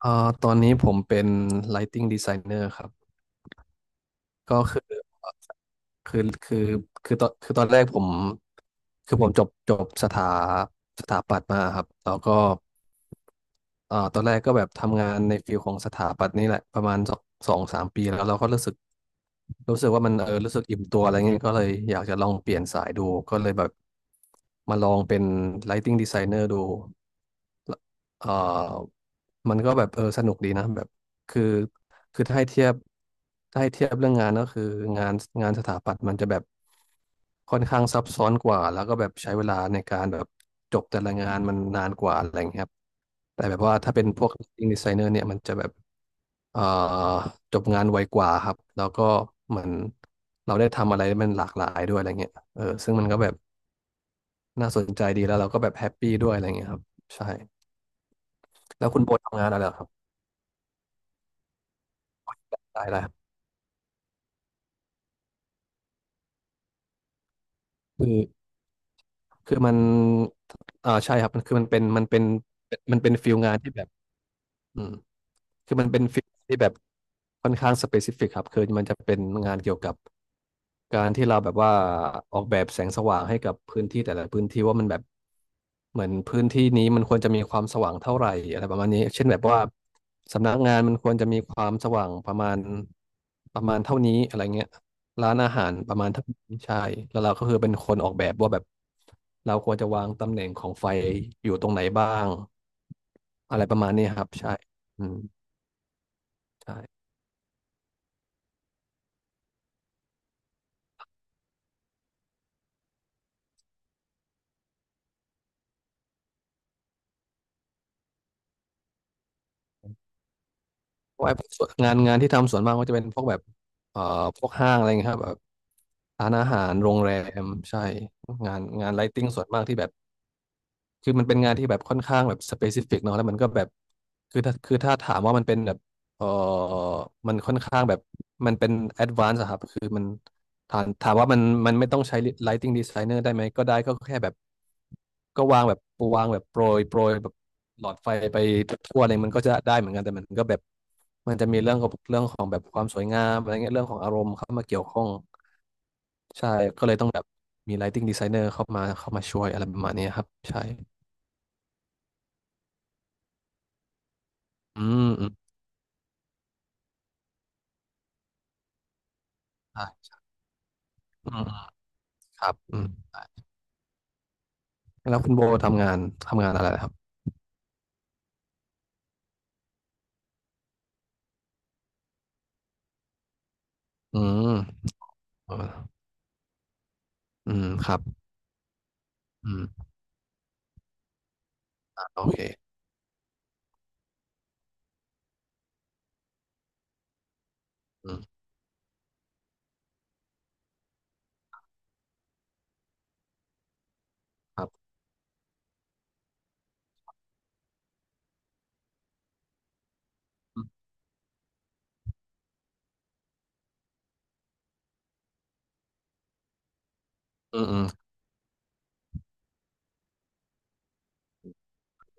เอ่อตอนนี้ผมเป็น Lighting Designer ครับก็คือคือคือตอนแรกผมจบสถาปัตย์มาครับแล้วก็ตอนแรกก็แบบทำงานในฟิลของสถาปัตย์นี่แหละประมาณสองสามปีแล้วเราก็รู้สึกว่ามันรู้สึกอิ่มตัวอะไรเงี้ยก็เลยอยากจะลองเปลี่ยนสายดูก็เลยแบบมาลองเป็น Lighting Designer ดู เอ่อมันก็แบบสนุกดีนะแบบคือคือถ้าให้เทียบเรื่องงานก็คืองานงานสถาปัตย์มันจะแบบค่อนข้างซับซ้อนกว่าแล้วก็แบบใช้เวลาในการแบบจบแต่ละงานมันนานกว่าอะไรอย่างเงี้ยครับแต่แบบว่าถ้าเป็นพวกอิงดีไซเนอร์เนี่ยมันจะแบบเอ่อจบงานไวกว่าครับแล้วก็เหมือนเราได้ทำอะไรมันหลากหลายด้วยอะไรเงี้ยซึ่งมันก็แบบน่าสนใจดีแล้วเราก็แบบแฮปปี้ด้วยอะไรเงี้ยครับใช่แล้วคุณโบทำงานอะไรเหรอครับได้ได้ คือคือมันอ่าใช่ครับมันคือมันเป็นฟิลงานที่แบบ อืมคือมันเป็นฟิลที่แบบค่อนข้างสเปซิฟิกครับคือมันจะเป็นงานเกี่ยวกับการที่เราแบบว่าออกแบบแสงสว่างให้กับพื้นที่แต่ละพื้นที่ว่ามันแบบเหมือนพื้นที่นี้มันควรจะมีความสว่างเท่าไหร่อะไรประมาณนี้เช่นแบบว่าสำนักงานมันควรจะมีความสว่างประมาณเท่านี้อะไรเงี้ยร้านอาหารประมาณเท่านี้ใช่แล้วเราก็คือเป็นคนออกแบบว่าแบบเราควรจะวางตำแหน่งของไฟอยู่ตรงไหนบ้างอะไรประมาณนี้ครับใช่ อืมใช่เพราะไอ้พวกส่วนงานที่ทำส่วนมากก็จะเป็นพวกแบบเอ่อพวกห้างอะไรเงี้ยครับแบบร้านอาหารโรงแรมใช่งานไลท์ติ้งส่วนมากที่แบบ คือมันเป็นงานที่แบบค่อนข้างแบบสเปซิฟิกเนาะแล้วมันก็แบบคือถ้าถามว่ามันเป็นแบบเออมันค่อนข้างแบบมันเป็นแอดวานซ์ครับคือมันถามว่ามันไม่ต้องใช้ Lighting Designer ได้ไหมก็ได้ก็แค่แบบก็วางแบบโปรยโปรยแบบหลอดไฟไปทั่วเลยมันก็จะได้เหมือนกันแต่มันก็แบบมันจะมีเรื่องของแบบความสวยงามอะไรเงี้ยเรื่องของอารมณ์เข้ามาเกี่ยวข้องใช่ก็เลยต้องแบบมี lighting designer เข้ามาช่วยอะไรประมาณเนี้ครับใช่ อืมอืมใช่ะอืมอืมครับอืมแล้วคุณโบทำงานอะไรครับอืมออออืมครับอืมอ่ะโอเคอืมครับอืมอืม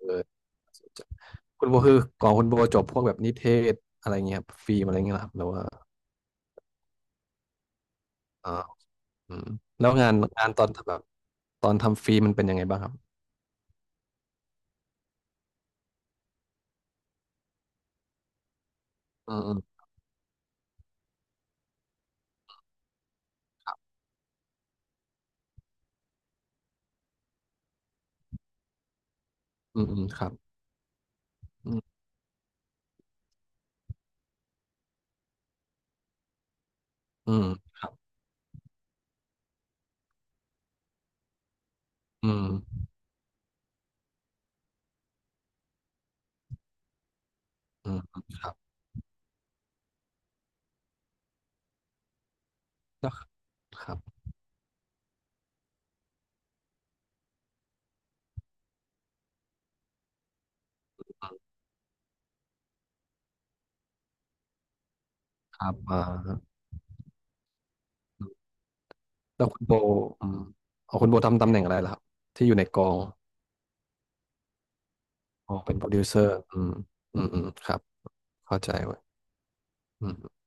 เออคุณโบคือก่อนคุณโบจบพวกแบบนิเทศอะไรเงี้ยครัฟิล์มอะไรเงี้ยเหรอครับหรือว่าอ่าอืมแล้วงานตอนแบบตอนทำฟิล์มมันเป็นยังไงบ้างครับอืมอืมอืมอืมครับอืมอืมอืมอืมครับแล้วครับครับอ่า แล้วคุณโบอืมเอาคุณโบทำตำแหน่งอะไรล่ะครับที่อยู่ในกองอ๋อเป็นโปรดิวเซอร์อืมอืมอืมครับเข้าใจเว้ยอืม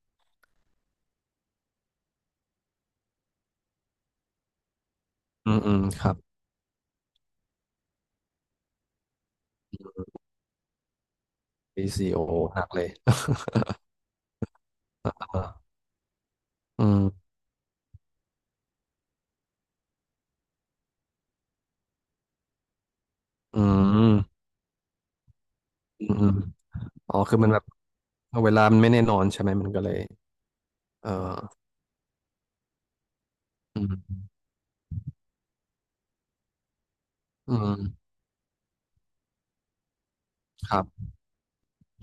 อืมอืมครับดีซีโอหนักเลย อ่าอืมอืมอืมอืมอ๋อคือมันแบบเวลามันไม่แน่นอนใช่ไหมมันก็เลยเอออืมอืมครับ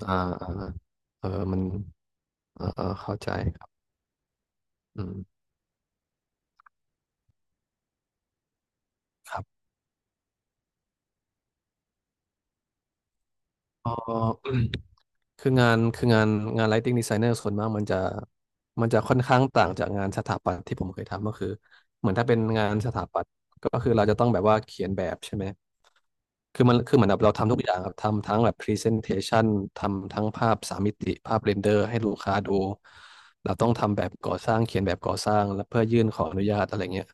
อ่าอ่าเออมันเออเออเข้าใจครับอืมครับอ๋อ คืองานคืองานงาน lighting designer ส่วนมากมันจะค่อนข้างต่างจากงานสถาปัตย์ที่ผมเคยทำก็คือเหมือนถ้าเป็นงานสถาปัตย์ก็คือเราจะต้องแบบว่าเขียนแบบใช่ไหม คือเหมือนแบบเราทำทุกอย่างครับทำทั้งแบบ Presentation ทำทั้งภาพสามมิติภาพเรนเดอร์ให้ลูกค้าดูเราต้องทำแบบก่อสร้างเขียนแบบก่อสร้างแล้วเพื่อยื่นขออนุญาตอะไรเงี้ย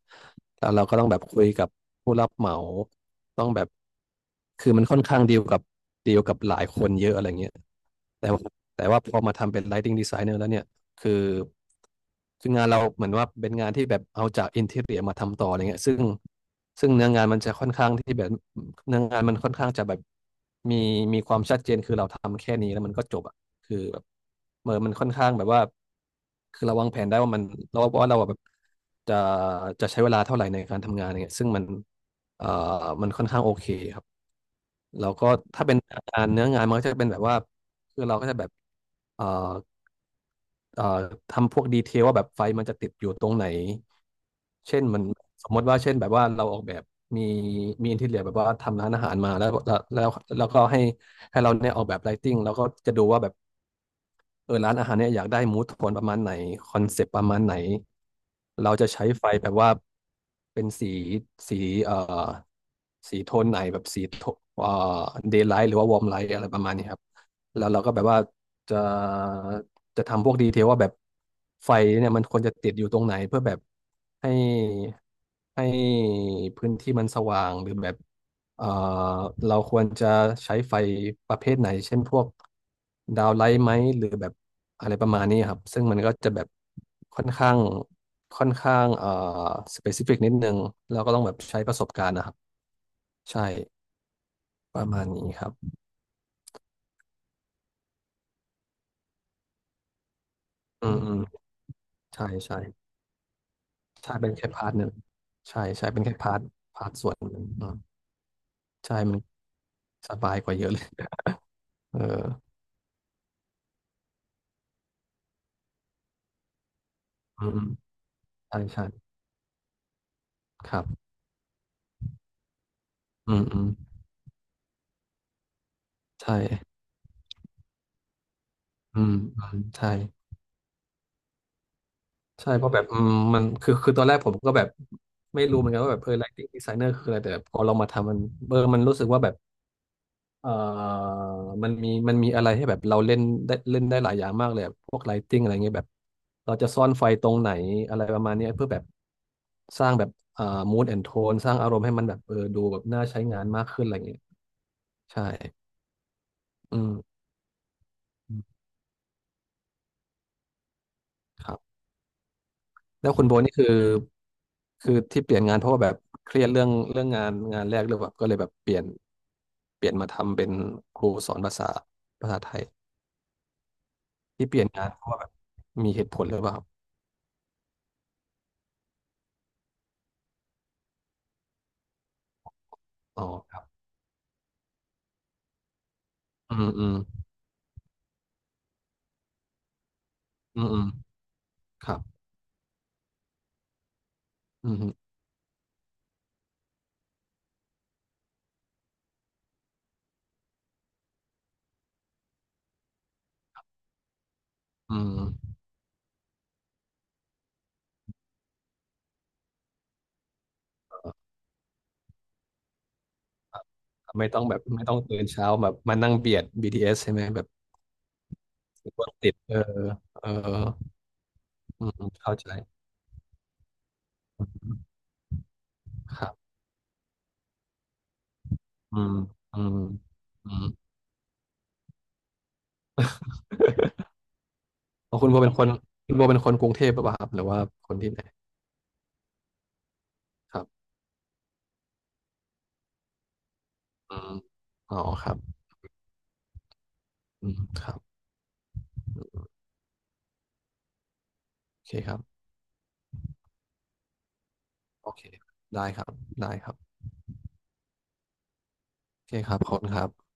แล้วเราก็ต้องแบบคุยกับผู้รับเหมาต้องแบบคือมันค่อนข้างดีลกับหลายคนเยอะอะไรเงี้ยแต่ว่าแต่ว่าพอมาทำเป็น Lighting Designer แล้วเนี่ย คือคืองานเราเหมือนว่าเป็นงานที่แบบเอาจากอินทีเรียมาทำต่ออะไรเงี้ยซึ่งเนื้องานมันจะค่อนข้างที่แบบเนื้องานมันค่อนข้างจะแบบมีมีความชัดเจนคือเราทำแค่นี้แล้วมันก็จบอ่ะคือแบบเมื่อมันค่อนข้างแบบว่าคือเราวางแผนได้ว่ามันเราว่าเราอะแบบจะจะใช้เวลาเท่าไหร่ในการทำงานอะไรเงี้ยซึ่งมันเอ่อมันค่อนข้างโอเคครับแล้วก็ถ้าเป็นงานเนื้องานมันก็จะเป็นแบบว่าคือเราก็จะแบบเอ่อ เอ่อทำพวกดีเทลว่าแบบไฟมันจะติดอยู่ตรงไหน เช่นมันสมมติว่าเช่นแบบว่าเราออกแบบมีมีอินทีเรียแบบว่าทำร้านอาหารมาแล้วแล้วก็ให้เราเนี่ยออกแบบไลติ้งแล้วก็จะดูว่าแบบ เออร้านอาหารเนี่ยอยากได้มูดโทนประมาณไหนคอนเซปต์ประมาณไหนเราจะใช้ไฟแบบว่าเป็นสีเอ่อสีโทนไหนแบบสีโทเอ่อเดย์ไลท์หรือว่าวอร์มไลท์อะไรประมาณนี้ครับแล้วเราก็แบบว่าจะจะทำพวกดีเทลว่าแบบไฟเนี่ยมันควรจะติดอยู่ตรงไหนเพื่อแบบให้ให้พื้นที่มันสว่างหรือแบบ เอ่อเราควรจะใช้ไฟประเภทไหน เช่นพวกดาวไลท์ไหมหรือแบบอะไรประมาณนี้ครับ ซึ่งมันก็จะแบบค่อนข้างค่อนข้างสเปซิฟิกนิดนึงเราก็ต้องแบบใช้ประสบการณ์นะครับใช่ ประมาณนี้ครับอืมอืมใช่ใช่ใช่เป็นแค่พาร์ทหนึ่งใช่ใช่เป็นแค่พาร์ทพาร์ทส่วนหนึ่งอืมใช่มันสบายกว่าเยอะเลยเอออืมอืมใช่ใช่ครับอืมอืมใช่อืมอืมใช่ ใช่เพราะแบบอืมมันคือคือตอนแรกผมก็แบบไม่รู้เหมือนกันว่าแบบเออ lighting designer คืออะไรแต่พอเรามาทำมันเออมันรู้สึกว่าแบบเออมันมีอะไรให้แบบเราเล่นได้เล่นได้หลายอย่างมากเลยอะพวก lighting อะไรเงี้ยแบบเราจะซ่อนไฟตรงไหนอะไรประมาณเนี้ยเพื่อแบบสร้างแบบmood and tone สร้างอารมณ์ให้มันแบบเออดูแบบน่าใช้งานมากขึ้นอะไรเงี้ยใช่อืมครับ แล้วคุณโบนี่คือคือที่เปลี่ยนงานเพราะว่าแบบเครียดเรื่องเรื่องงานงานแรกหรือแบบก็เลยแบบเปลี่ยนมาทำเป็นครูสอนภาษาภาษาไทยที่เปลี่ยนงานเพราะว่าแบบมีเหตุผลหรือเปล่าครับอ๋อครับอืมอืมอืมอืมครับอืมอืมเอ่อไม่ต้องแบบไม่ต้องตื่นเช้าแบบมานั่งเบียด BTS ใช่ไหมแบบรถติดเออเอออืมอืมเข้าใจอืมครับอืมอืมอืม อ๋อคุณโบเป็นคนคุณโบเป็นคนกรุงเทพหรือเปล่าครับหรือว่าคนที่ไหนครับอืมอ๋อครับอืมครับโอเคครับโอเคได้ครับได้ครับโอเคครับขอบคุณครับ